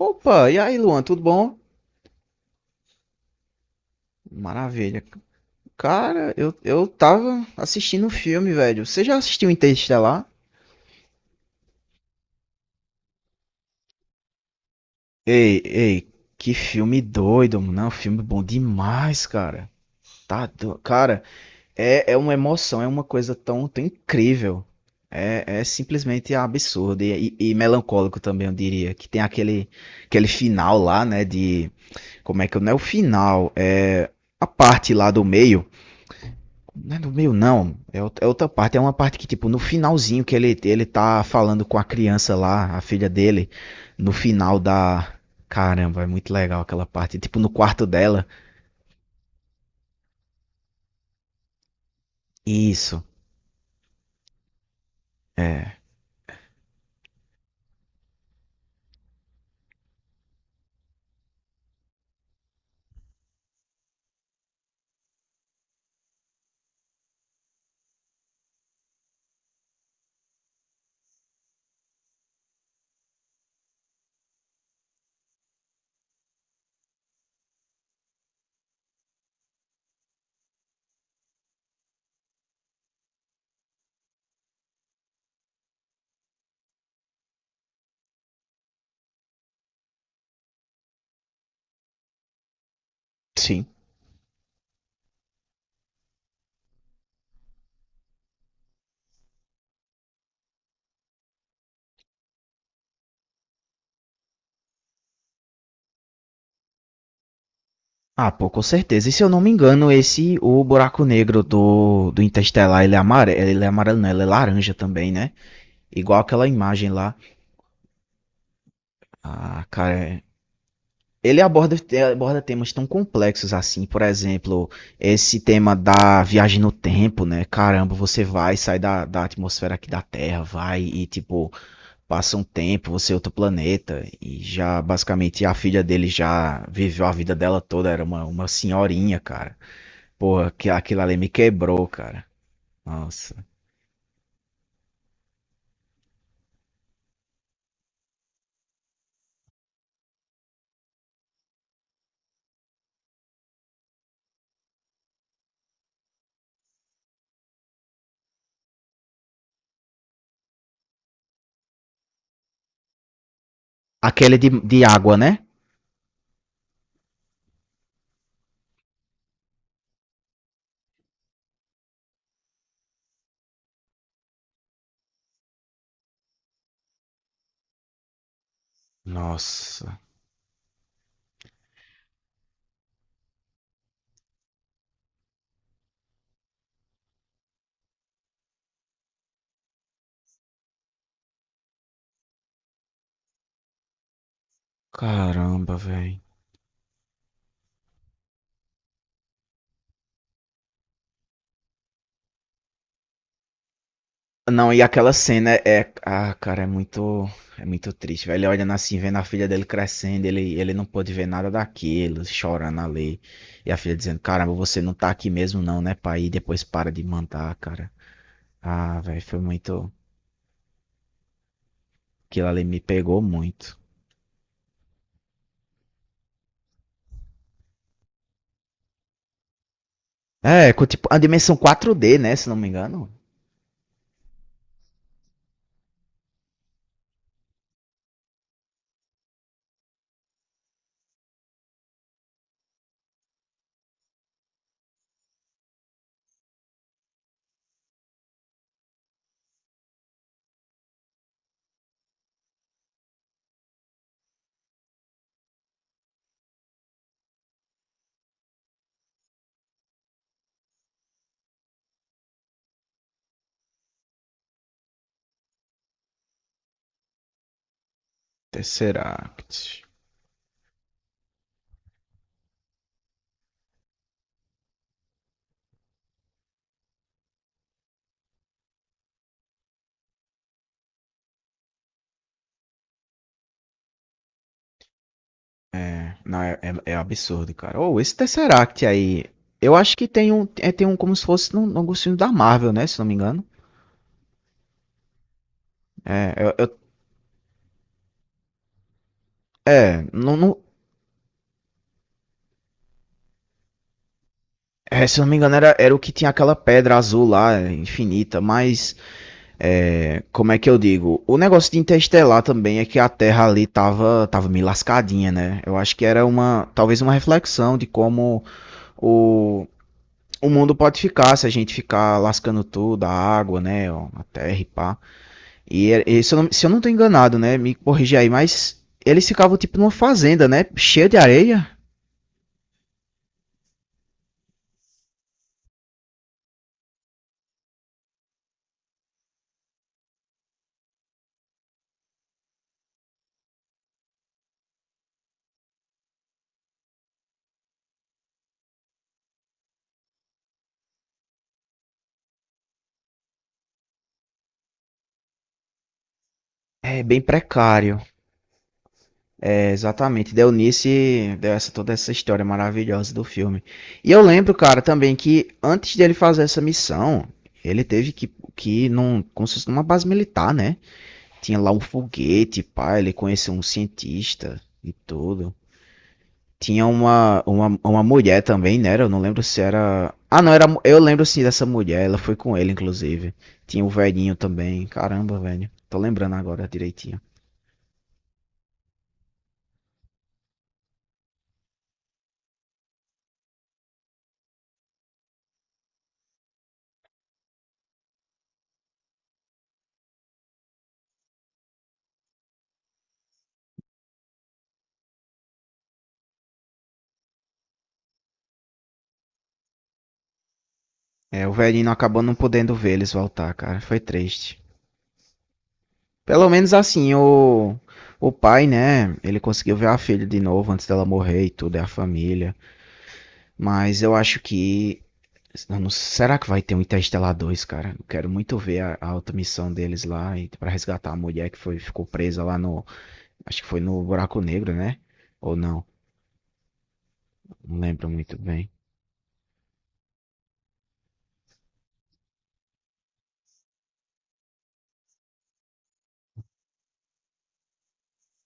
Opa, e aí, Luan, tudo bom? Maravilha. Cara, eu tava assistindo um filme, velho. Você já assistiu Interestelar? Ei, ei, que filme doido, mano. Não, filme bom demais, cara. Tá do... Cara, é uma emoção, é uma coisa tão, tão incrível. É simplesmente absurdo e melancólico também, eu diria. Que tem aquele final lá, né? De. Como é que eu. Não é o final, é a parte lá do meio. Não é no meio, não. É outra parte. É uma parte que, tipo, no finalzinho que ele tá falando com a criança lá, a filha dele, no final da. Caramba, é muito legal aquela parte. Tipo, no quarto dela. Isso. É. Sim. Ah, pô, com certeza. E se eu não me engano, o buraco negro do Interstellar, ele é amarelo. Ele é amarelo, não, ele é laranja também, né? Igual aquela imagem lá. Ah, cara, é. Ele aborda temas tão complexos assim, por exemplo, esse tema da viagem no tempo, né? Caramba, você vai, sai da atmosfera aqui da Terra, vai e, tipo, passa um tempo, você é outro planeta. E já, basicamente, a filha dele já viveu a vida dela toda, era uma senhorinha, cara. Porra, que, aquilo ali me quebrou, cara. Nossa. Aquele de água, né? Nossa. Caramba, velho. Não, e aquela cena é. Ah, cara, é muito. É muito triste, velho. Ele olhando assim, vendo a filha dele crescendo, ele não pôde ver nada daquilo, chorando ali. E a filha dizendo: Caramba, você não tá aqui mesmo, não, né, pai? E depois para de mandar, cara. Ah, velho, foi muito. Aquilo ali me pegou muito. É, com, tipo, a dimensão 4D, né, se não me engano. Tesseract. É, não, é absurdo, cara. Ou esse Tesseract aí. Eu acho que tem um como se fosse num gostinho da Marvel, né, se não me engano. É, eu, eu- é, não, não- Se eu não me engano, era o que tinha aquela pedra azul lá, é, infinita, mas, é, como é que eu digo? O negócio de Interestelar também é que a Terra ali tava meio lascadinha, né? Eu acho que era uma, talvez uma reflexão de como o, o mundo pode ficar se a gente ficar lascando tudo, a água, né, ó, a terra e pá. E se eu não tô enganado, né, me corrigir aí, mas eles ficavam tipo numa fazenda, né, cheia de areia, é bem precário. Exatamente, Dionísio deu essa, toda essa história maravilhosa do filme. E eu lembro, cara, também que antes dele fazer essa missão, ele teve que ir num, como se fosse numa base militar, né? Tinha lá um foguete, pá, ele conheceu um cientista e tudo. Tinha uma mulher também, né? Eu não lembro se era. Ah, não, era. Eu lembro sim dessa mulher, ela foi com ele, inclusive. Tinha o velhinho também, caramba, velho. Tô lembrando agora direitinho. É, o velhinho acabou não podendo ver eles voltar, cara. Foi triste. Pelo menos assim, o pai, né? Ele conseguiu ver a filha de novo antes dela morrer e tudo, é a família. Mas eu acho que. Eu não- será que vai ter um Interstellar 2 cara? Eu quero muito ver a outra missão deles lá e, pra resgatar a mulher que foi, ficou presa lá no. Acho que foi no Buraco Negro, né? Ou não? Não lembro muito bem.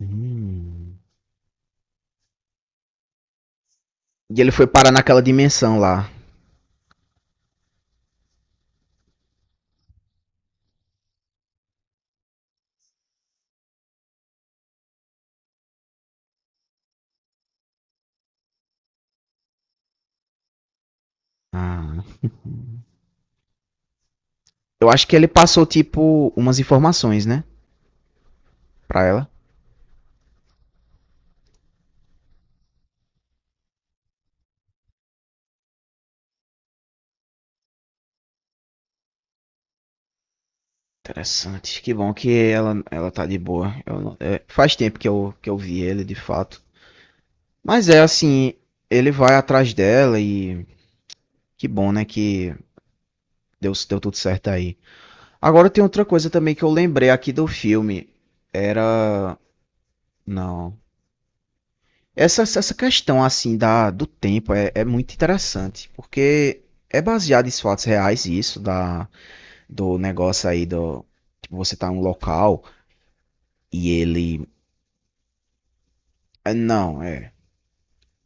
Hum. E ele foi parar naquela dimensão lá. Ah. Eu acho que ele passou, tipo, umas informações, né? Pra ela. Interessante. Que bom que ela tá de boa. Eu não- é, faz tempo que eu vi ele, de fato. Mas é assim, ele vai atrás dela e que bom, né, que deu tudo certo aí. Agora tem outra coisa também que eu lembrei aqui do filme. Era. Não. Essa questão, assim, do tempo é muito interessante, porque é baseado em fatos reais isso, da, do negócio aí do. Tipo, você tá em um local e ele. É, Não, é.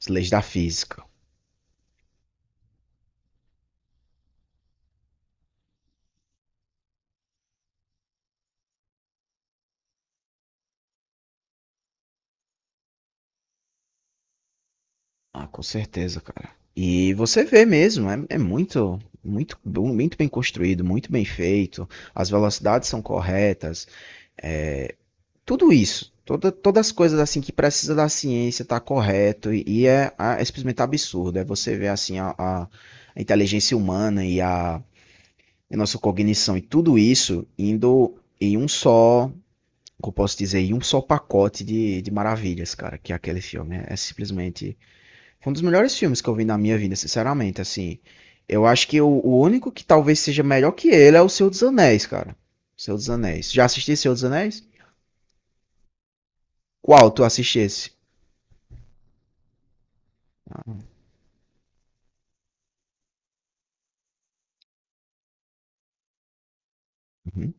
As leis da física. Ah, com certeza, cara. E você vê mesmo, é muito, muito, muito bem construído, muito bem feito. As velocidades são corretas. É, tudo isso, todas as coisas assim que precisa da ciência tá correto e é simplesmente absurdo. É você ver assim a inteligência humana e a nossa cognição e tudo isso indo em um só, como eu posso dizer, em um só pacote de maravilhas, cara. Que é aquele filme é simplesmente. Foi um dos melhores filmes que eu vi na minha vida, sinceramente, assim. Eu acho que o único que talvez seja melhor que ele é o Senhor dos Anéis, cara. Senhor dos Anéis. Já assisti Senhor dos Anéis? Qual tu assistisse? Uhum.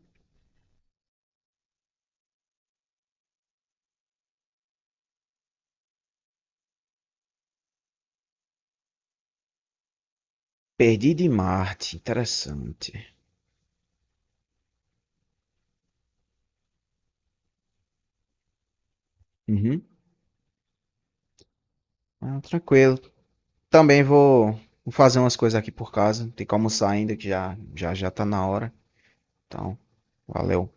Perdido em Marte, interessante. Uhum. Ah, tranquilo. Também vou fazer umas coisas aqui por casa. Tem que almoçar ainda, que já já, já tá na hora. Então, valeu.